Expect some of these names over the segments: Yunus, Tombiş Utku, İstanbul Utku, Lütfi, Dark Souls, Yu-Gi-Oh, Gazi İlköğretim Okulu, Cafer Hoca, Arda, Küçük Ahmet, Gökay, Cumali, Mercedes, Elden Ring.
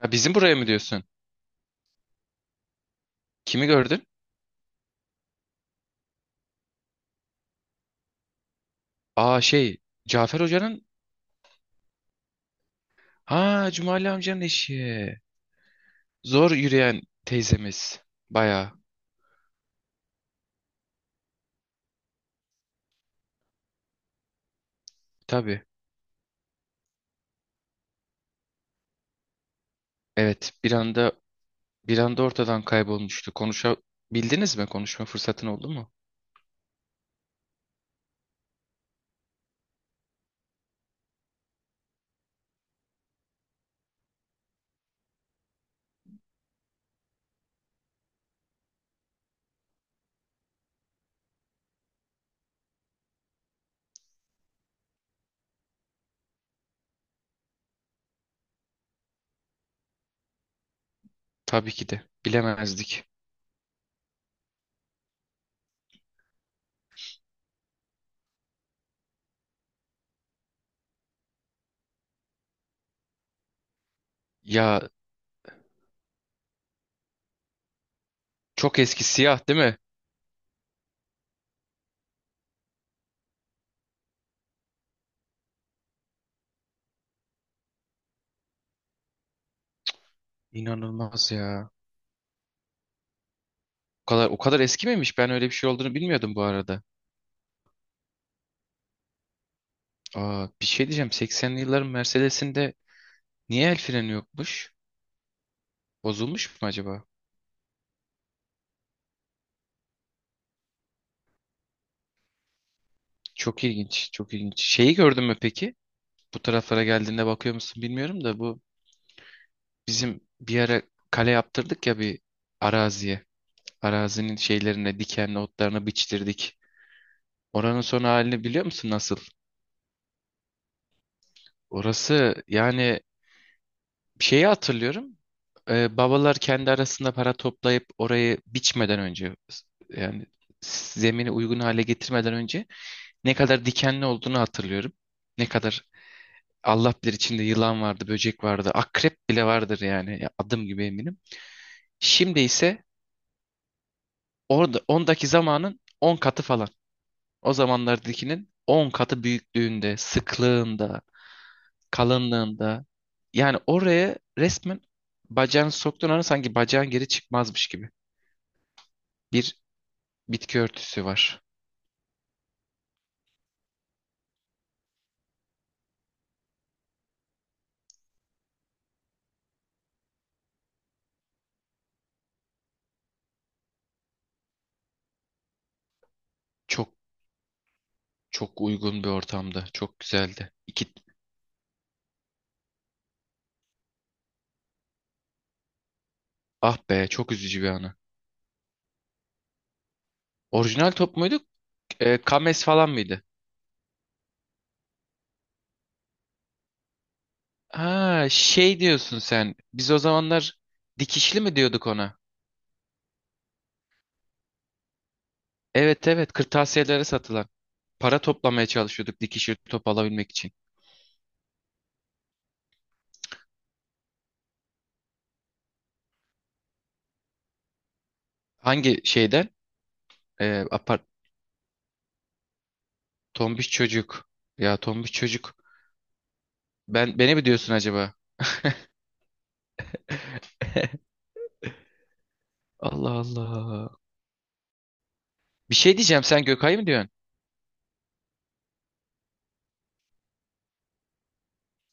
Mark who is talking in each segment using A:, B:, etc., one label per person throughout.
A: Ha, bizim buraya mı diyorsun? Kimi gördün? Aa şey Cafer Hoca'nın ha Cumali amcanın eşi. Zor yürüyen teyzemiz. Bayağı tabii. Evet bir anda bir anda ortadan kaybolmuştu. Konuşabildiniz mi? Konuşma fırsatın oldu mu? Tabii ki de. Bilemezdik. Ya çok eski siyah değil mi? İnanılmaz ya. O kadar o kadar eski miymiş? Ben öyle bir şey olduğunu bilmiyordum bu arada. Aa bir şey diyeceğim. 80'li yılların Mercedes'inde niye el freni yokmuş? Bozulmuş mu acaba? Çok ilginç, çok ilginç. Şeyi gördün mü peki? Bu taraflara geldiğinde bakıyor musun bilmiyorum da bu bizim bir ara kale yaptırdık ya bir araziye. Arazinin şeylerine, dikenli otlarına biçtirdik. Oranın son halini biliyor musun nasıl? Orası yani şeyi hatırlıyorum. Babalar kendi arasında para toplayıp orayı biçmeden önce yani zemini uygun hale getirmeden önce ne kadar dikenli olduğunu hatırlıyorum. Ne kadar Allah bilir içinde yılan vardı, böcek vardı, akrep bile vardır yani. Ya adım gibi eminim. Şimdi ise orada ondaki zamanın 10 katı falan. O zamanlardakinin 10 katı büyüklüğünde, sıklığında, kalınlığında. Yani oraya resmen bacağını soktuğun an sanki bacağın geri çıkmazmış gibi. Bir bitki örtüsü var. Çok çok uygun bir ortamda. Çok güzeldi. İki, ah be çok üzücü bir anı. Orijinal top muydu? Kames falan mıydı? Ha şey diyorsun sen. Biz o zamanlar dikişli mi diyorduk ona? Evet evet kırtasiyelere satılan. Para toplamaya çalışıyorduk dikişli top alabilmek için. Hangi şeyden? Apart tombiş çocuk. Ya tombiş çocuk. Ben beni mi diyorsun acaba? Allah Allah. Bir şey diyeceğim sen Gökay mı diyorsun?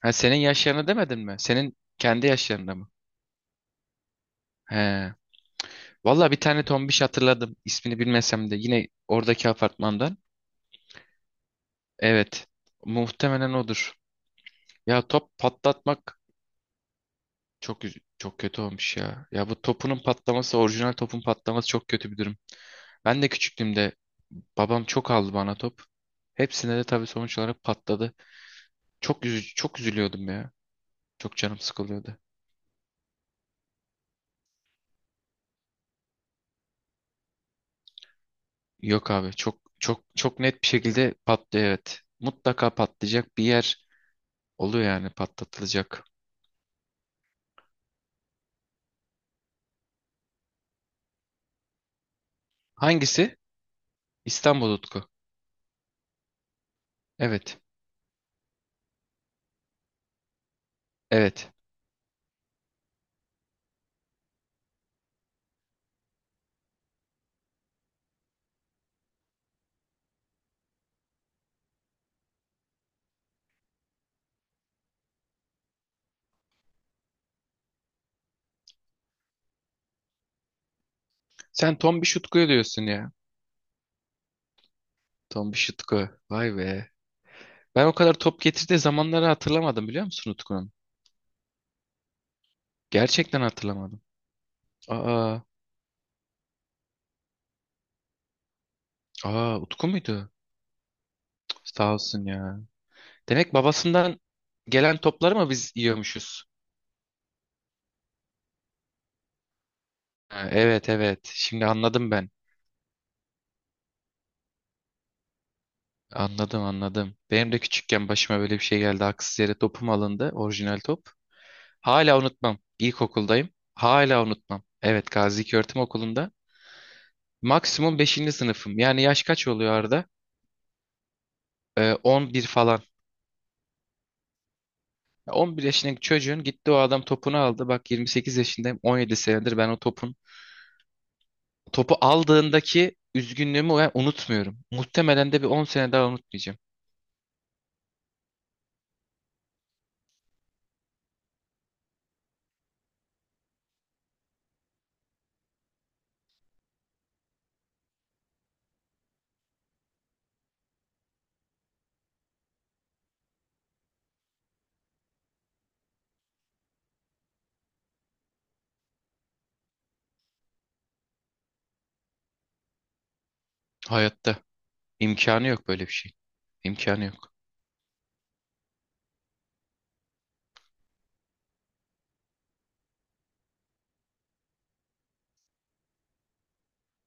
A: Ha, senin yaşlarını demedin mi? Senin kendi yaşlarında mı? He. Valla bir tane tombiş hatırladım. İsmini bilmesem de yine oradaki apartmandan. Evet. Muhtemelen odur. Ya top patlatmak çok kötü olmuş ya. Ya bu topunun patlaması, orijinal topun patlaması çok kötü bir durum. Ben de küçüklüğümde babam çok aldı bana top. Hepsine de tabii sonuç olarak patladı. Çok üzülüyordum ya. Çok canım sıkılıyordu. Yok abi çok çok çok net bir şekilde patlıyor evet. Mutlaka patlayacak bir yer oluyor yani patlatılacak. Hangisi? İstanbul Utku. Evet. Evet. Sen Tombiş Utku'yu diyorsun ya. Tombiş Utku. Vay be. Ben o kadar top getirdiği zamanları hatırlamadım biliyor musun Utku'nun? Gerçekten hatırlamadım. Aa, aa, Utku muydu? Cık, sağ olsun ya. Demek babasından gelen topları mı biz yiyormuşuz? Ha, evet evet. Şimdi anladım ben. Anladım anladım. Benim de küçükken başıma böyle bir şey geldi. Haksız yere topum alındı. Orijinal top. Hala unutmam. İlkokuldayım. Hala unutmam. Evet Gazi İlköğretim Okulu'nda. Maksimum beşinci sınıfım. Yani yaş kaç oluyor Arda? 11 falan. Ya 11 yaşındaki çocuğun gitti o adam topunu aldı. Bak 28 yaşındayım 17 senedir ben o topun topu aldığındaki üzgünlüğümü ben unutmuyorum. Muhtemelen de bir 10 sene daha unutmayacağım. Hayatta imkanı yok böyle bir şey. İmkanı yok.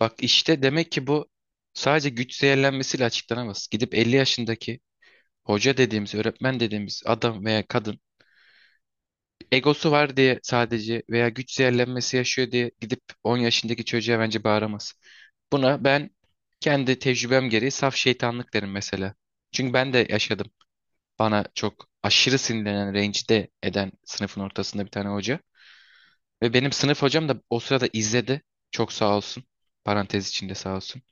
A: Bak işte demek ki bu sadece güç zehirlenmesiyle açıklanamaz. Gidip 50 yaşındaki hoca dediğimiz, öğretmen dediğimiz adam veya kadın egosu var diye sadece veya güç zehirlenmesi yaşıyor diye gidip 10 yaşındaki çocuğa bence bağıramaz. Buna ben kendi tecrübem gereği saf şeytanlık derim mesela. Çünkü ben de yaşadım. Bana çok aşırı sinirlenen, rencide eden sınıfın ortasında bir tane hoca. Ve benim sınıf hocam da o sırada izledi. Çok sağ olsun. Parantez içinde sağ olsun.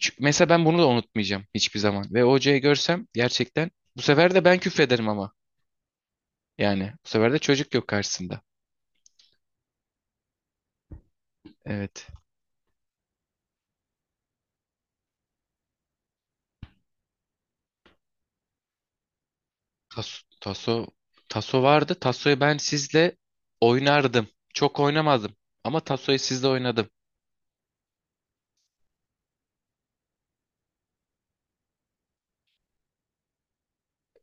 A: Çünkü mesela ben bunu da unutmayacağım hiçbir zaman. Ve o hocayı görsem gerçekten bu sefer de ben küfrederim ama. Yani bu sefer de çocuk yok karşısında. Evet. Taso, taso, taso vardı. Tasoyu ben sizle oynardım. Çok oynamadım. Ama tasoyu sizle oynadım.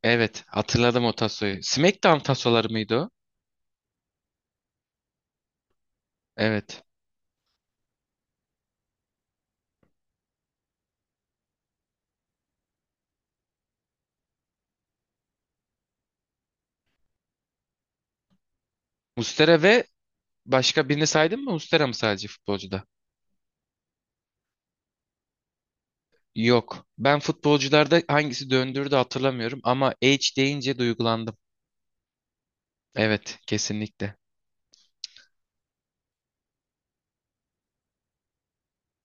A: Evet, hatırladım o tasoyu. SmackDown tasoları mıydı o? Evet. Mustera ve başka birini saydın mı? Mustera mı sadece futbolcuda? Yok. Ben futbolcularda hangisi döndürdü hatırlamıyorum ama H deyince duygulandım. Evet, kesinlikle.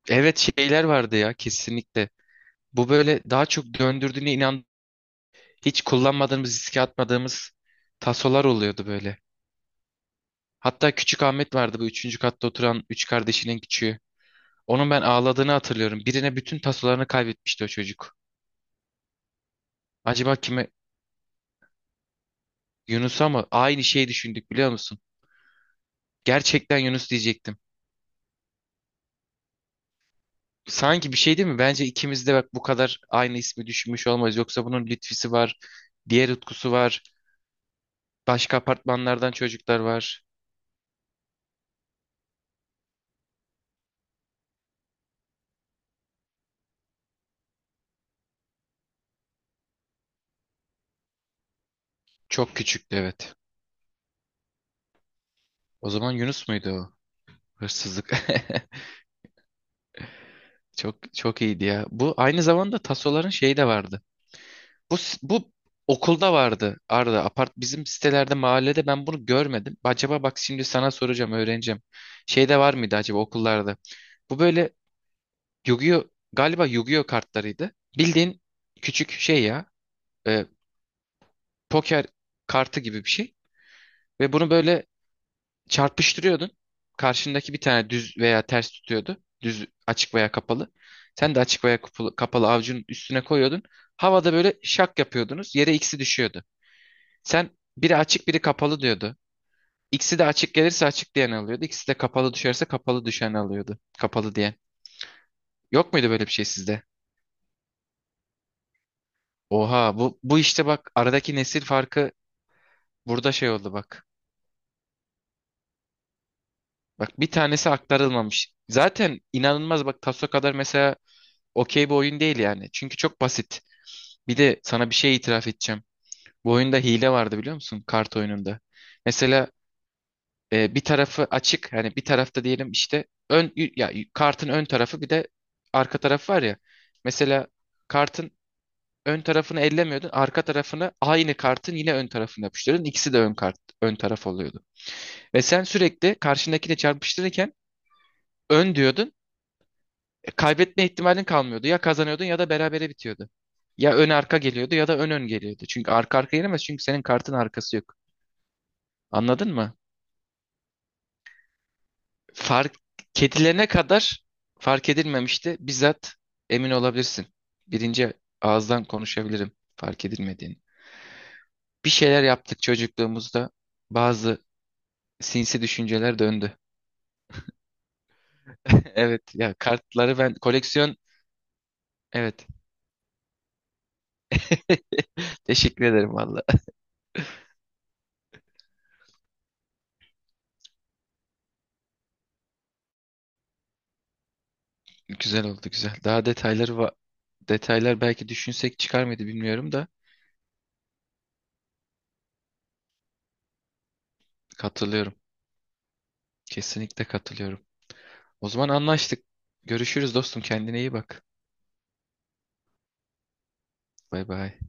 A: Evet şeyler vardı ya kesinlikle. Bu böyle daha çok döndürdüğüne inan hiç kullanmadığımız, riske atmadığımız tasolar oluyordu böyle. Hatta Küçük Ahmet vardı bu üçüncü katta oturan üç kardeşinin küçüğü. Onun ben ağladığını hatırlıyorum. Birine bütün tasolarını kaybetmişti o çocuk. Acaba kime? Yunus'a mı? Aynı şeyi düşündük biliyor musun? Gerçekten Yunus diyecektim. Sanki bir şey değil mi? Bence ikimiz de bak bu kadar aynı ismi düşünmüş olmaz. Yoksa bunun Lütfi'si var, diğer Utku'su var, başka apartmanlardan çocuklar var. Çok küçüktü evet. O zaman Yunus muydu o? Hırsızlık. Çok çok iyiydi ya. Bu aynı zamanda tasoların şeyi de vardı. Bu okulda vardı Arda. Apart bizim sitelerde mahallede ben bunu görmedim. Acaba bak şimdi sana soracağım öğreneceğim. Şeyde var mıydı acaba okullarda? Bu böyle Yu-Gi-Oh galiba Yu-Gi-Oh kartlarıydı. Bildiğin küçük şey ya e, poker kartı gibi bir şey. Ve bunu böyle çarpıştırıyordun. Karşındaki bir tane düz veya ters tutuyordu. Düz açık veya kapalı. Sen de açık veya kapalı, kapalı avucunun üstüne koyuyordun. Havada böyle şak yapıyordunuz. Yere ikisi düşüyordu. Sen biri açık biri kapalı diyordu. İkisi de açık gelirse açık diyen alıyordu. İkisi de kapalı düşerse kapalı düşen alıyordu. Kapalı diyen. Yok muydu böyle bir şey sizde? Oha bu, bu işte bak aradaki nesil farkı burada şey oldu bak. Bak bir tanesi aktarılmamış. Zaten inanılmaz bak Taso kadar mesela okey bir oyun değil yani. Çünkü çok basit. Bir de sana bir şey itiraf edeceğim. Bu oyunda hile vardı biliyor musun? Kart oyununda. Mesela bir tarafı açık hani bir tarafta diyelim işte ön y- ya y- kartın ön tarafı bir de arka tarafı var ya. Mesela kartın ön tarafını ellemiyordun, arka tarafını aynı kartın yine ön tarafına yapıştırıyordun. İkisi de ön kart ön taraf oluyordu. Ve sen sürekli karşındakine çarpıştırırken ön diyordun. Kaybetme ihtimalin kalmıyordu. Ya kazanıyordun ya da berabere bitiyordu. Ya ön arka geliyordu ya da ön ön geliyordu. Çünkü arka arka gelemez çünkü senin kartın arkası yok. Anladın mı? Fark kedilene kadar fark edilmemişti. Bizzat emin olabilirsin. Birinci ağızdan konuşabilirim fark edilmediğini. Bir şeyler yaptık çocukluğumuzda. Bazı sinsi düşünceler döndü. Evet ya kartları ben koleksiyon evet. Teşekkür ederim valla. Güzel oldu güzel. Daha detaylar belki düşünsek çıkar mıydı bilmiyorum da katılıyorum. Kesinlikle katılıyorum. O zaman anlaştık. Görüşürüz dostum. Kendine iyi bak. Bay bay.